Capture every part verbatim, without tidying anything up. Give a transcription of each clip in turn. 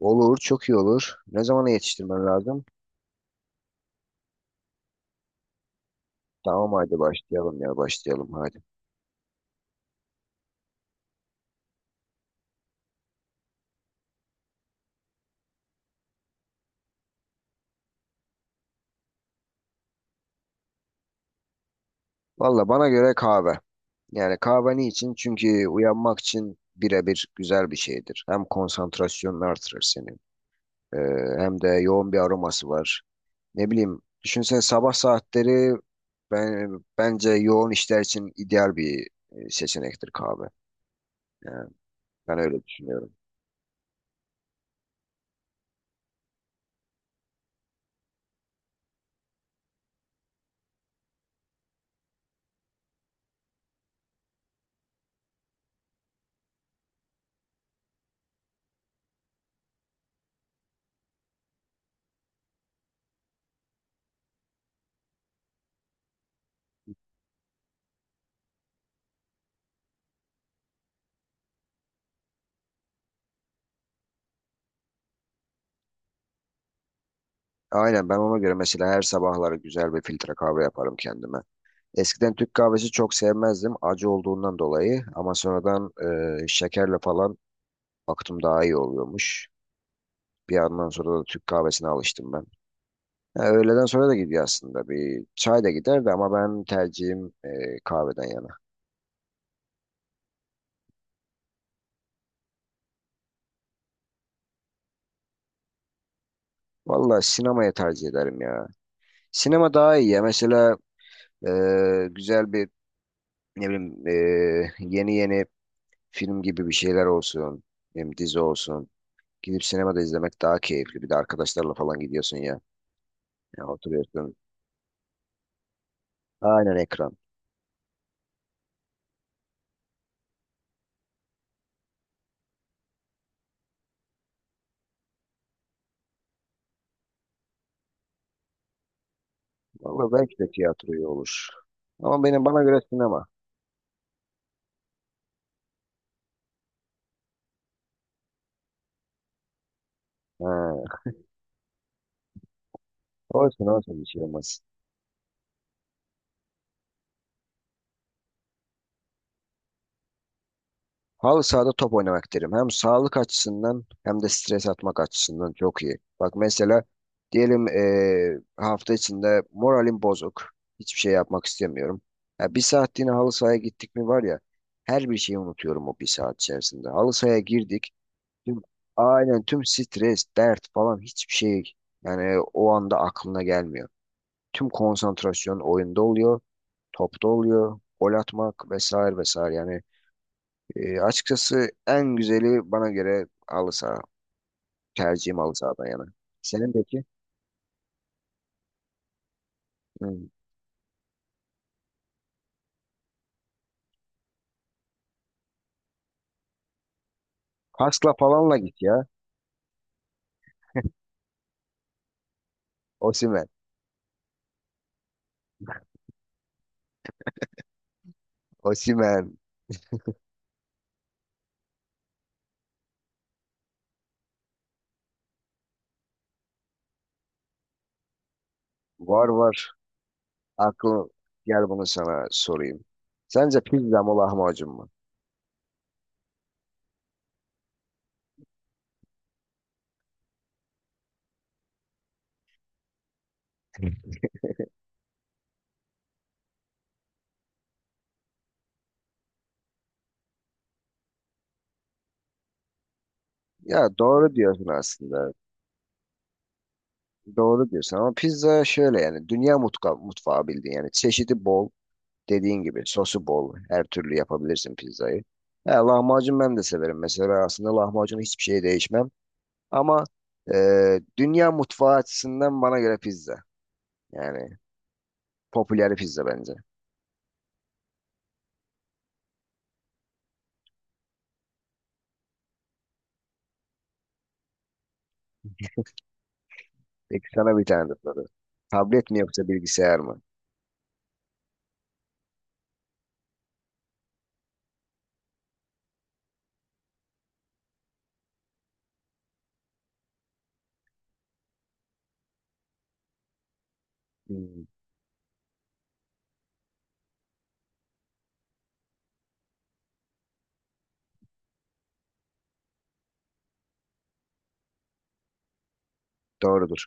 Olur, çok iyi olur. Ne zamana yetiştirmen lazım? Tamam, hadi başlayalım ya başlayalım hadi. Valla bana göre kahve. Yani kahve niçin? Çünkü uyanmak için birebir güzel bir şeydir. Hem konsantrasyonunu artırır senin. Ee, Hem de yoğun bir aroması var. Ne bileyim, düşünsene sabah saatleri ben, bence yoğun işler için ideal bir e, seçenektir kahve. Yani ben öyle düşünüyorum. Aynen ben ona göre mesela her sabahları güzel bir filtre kahve yaparım kendime. Eskiden Türk kahvesi çok sevmezdim acı olduğundan dolayı ama sonradan e, şekerle falan baktım daha iyi oluyormuş. Bir yandan sonra da Türk kahvesine alıştım ben. Ha, öğleden sonra da gidiyor aslında bir çay da giderdi ama ben tercihim e, kahveden yana. Valla sinemaya tercih ederim ya. Sinema daha iyi ya mesela e, güzel bir ne bileyim e, yeni yeni film gibi bir şeyler olsun, ne bileyim dizi olsun. Gidip sinemada izlemek daha keyifli. Bir de arkadaşlarla falan gidiyorsun ya. Ya oturuyorsun. Aynen ekran. Valla belki de tiyatroya olur. Ama benim bana göre sinema. He. Olsun olsun bir şey olmaz. Halı sahada top oynamak derim. Hem sağlık açısından hem de stres atmak açısından çok iyi. Bak mesela diyelim eee, hafta içinde moralim bozuk. Hiçbir şey yapmak istemiyorum. Ya bir saatliğine halı sahaya gittik mi var ya her bir şeyi unutuyorum o bir saat içerisinde. Halı sahaya girdik. Tüm, aynen tüm stres, dert falan hiçbir şey, yani o anda aklına gelmiyor. Tüm konsantrasyon oyunda oluyor, topta oluyor, gol atmak vesaire vesaire. Yani e, açıkçası en güzeli bana göre halı saha. Tercihim halı sahadan yana. Senin peki? Hmm. Kaskla falanla git ya. Osimhen. Osimhen. Var var. Aklım, gel bunu sana sorayım. Sence pizza mı lahmacun mu? Ya doğru diyorsun aslında. Doğru diyorsun ama pizza şöyle, yani dünya mutka, mutfağı bildiğin, yani çeşidi bol. Dediğin gibi sosu bol. Her türlü yapabilirsin pizzayı. He, lahmacun ben de severim. Mesela ben aslında lahmacunu hiçbir şeye değişmem. Ama e, dünya mutfağı açısından bana göre pizza. Yani popüler pizza bence. Peki sana bir tane de soru. Tablet mi yoksa bilgisayar mı? Hmm, doğrudur.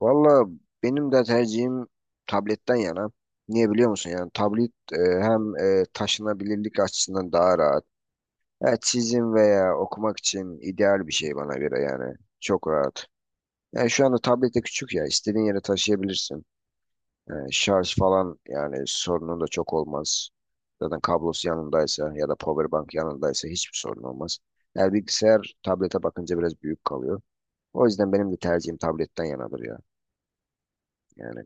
Valla benim de tercihim tabletten yana. Niye biliyor musun? Yani tablet e, hem e, taşınabilirlik açısından daha rahat. Ya çizim veya okumak için ideal bir şey bana göre yani. Çok rahat. Yani şu anda tablet de küçük ya. İstediğin yere taşıyabilirsin. Yani şarj falan, yani sorunun da çok olmaz. Zaten kablosu yanındaysa ya da powerbank yanındaysa hiçbir sorun olmaz. Yani bilgisayar tablete bakınca biraz büyük kalıyor. O yüzden benim de tercihim tabletten yanadır ya. Yani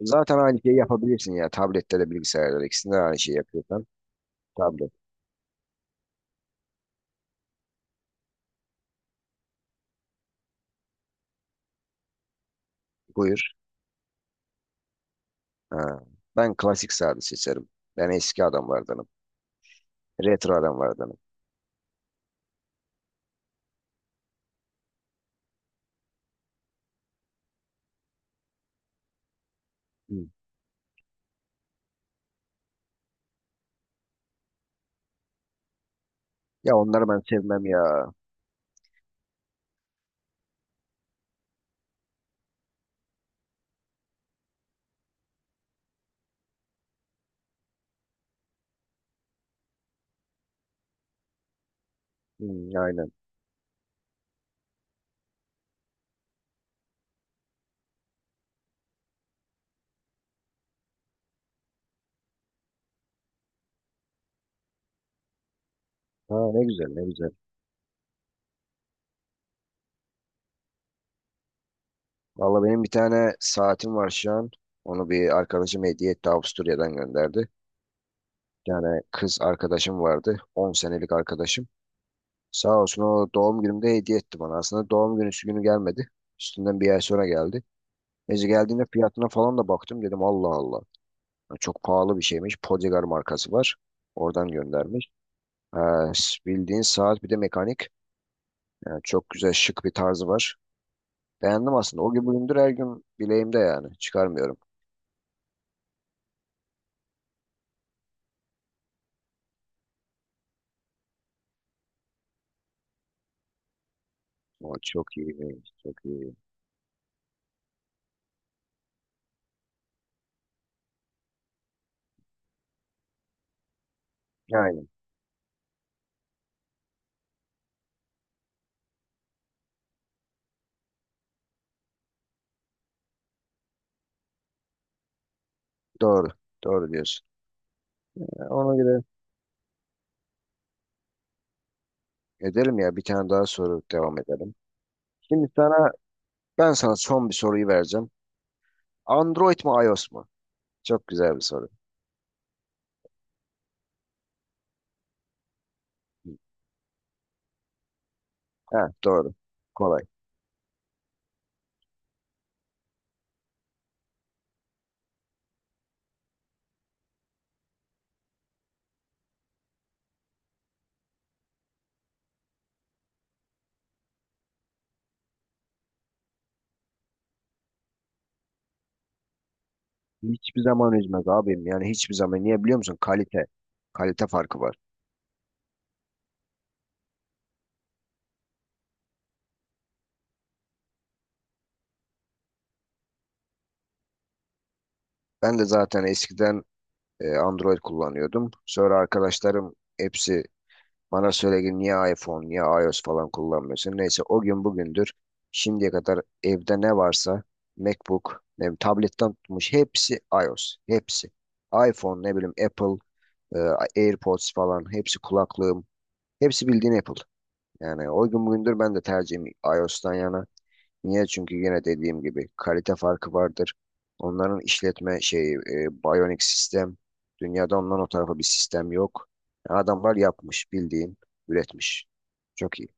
zaten aynı şeyi yapabilirsin ya. Tablette de bilgisayarda da ikisinde de aynı şeyi yapıyorsan. Tablet. Buyur. Ha. Ben klasik sade seçerim. Ben eski adamlardanım. Retro adam var adamın. Hı. Ya onları ben sevmem ya. Hı, aynen. Ha, ne güzel ne güzel. Valla benim bir tane saatim var şu an. Onu bir arkadaşım hediye etti, Avusturya'dan gönderdi. Yani kız arkadaşım vardı. On senelik arkadaşım. Sağ olsun o doğum günümde hediye etti bana. Aslında doğum günü günü gelmedi. Üstünden bir ay sonra geldi. Neyse geldiğinde fiyatına falan da baktım. Dedim Allah Allah. Ya çok pahalı bir şeymiş. Podigar markası var. Oradan göndermiş. Ha, s- bildiğin saat bir de mekanik. Yani çok güzel şık bir tarzı var. Beğendim aslında. O gün bugündür her gün bileğimde yani. Çıkarmıyorum. O çok iyi. Çok iyi. Yani doğru. Doğru diyorsun. Ya ona göre edelim ya. Bir tane daha soru devam edelim. Şimdi sana ben sana son bir soruyu vereceğim. Android mi iOS mu? Çok güzel bir soru. Heh, doğru. Kolay. Hiçbir zaman üzmez abim. Yani hiçbir zaman. Niye biliyor musun? Kalite. Kalite farkı var. Ben de zaten eskiden e, Android kullanıyordum. Sonra arkadaşlarım hepsi bana söyle ki niye iPhone, niye iOS falan kullanmıyorsun? Neyse o gün bugündür şimdiye kadar evde ne varsa MacBook, ne bileyim, tabletten tutmuş hepsi iOS. Hepsi. iPhone, ne bileyim Apple, e, AirPods falan hepsi kulaklığım. Hepsi bildiğin Apple. Yani o gün bugündür ben de tercihim iOS'tan yana. Niye? Çünkü yine dediğim gibi kalite farkı vardır. Onların işletme şeyi, e, Bionic sistem. Dünyada ondan o tarafa bir sistem yok. Yani adamlar yapmış, bildiğin üretmiş. Çok iyi.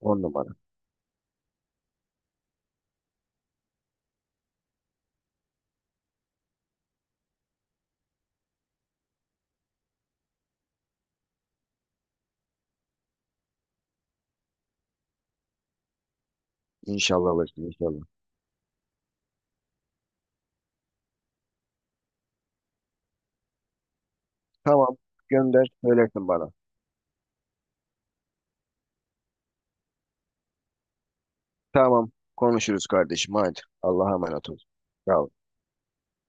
On numara. İnşallah alırsın, inşallah. Tamam, gönder, söylersin bana. Tamam, konuşuruz kardeşim. Haydi, Allah'a emanet ol. Sağ ol.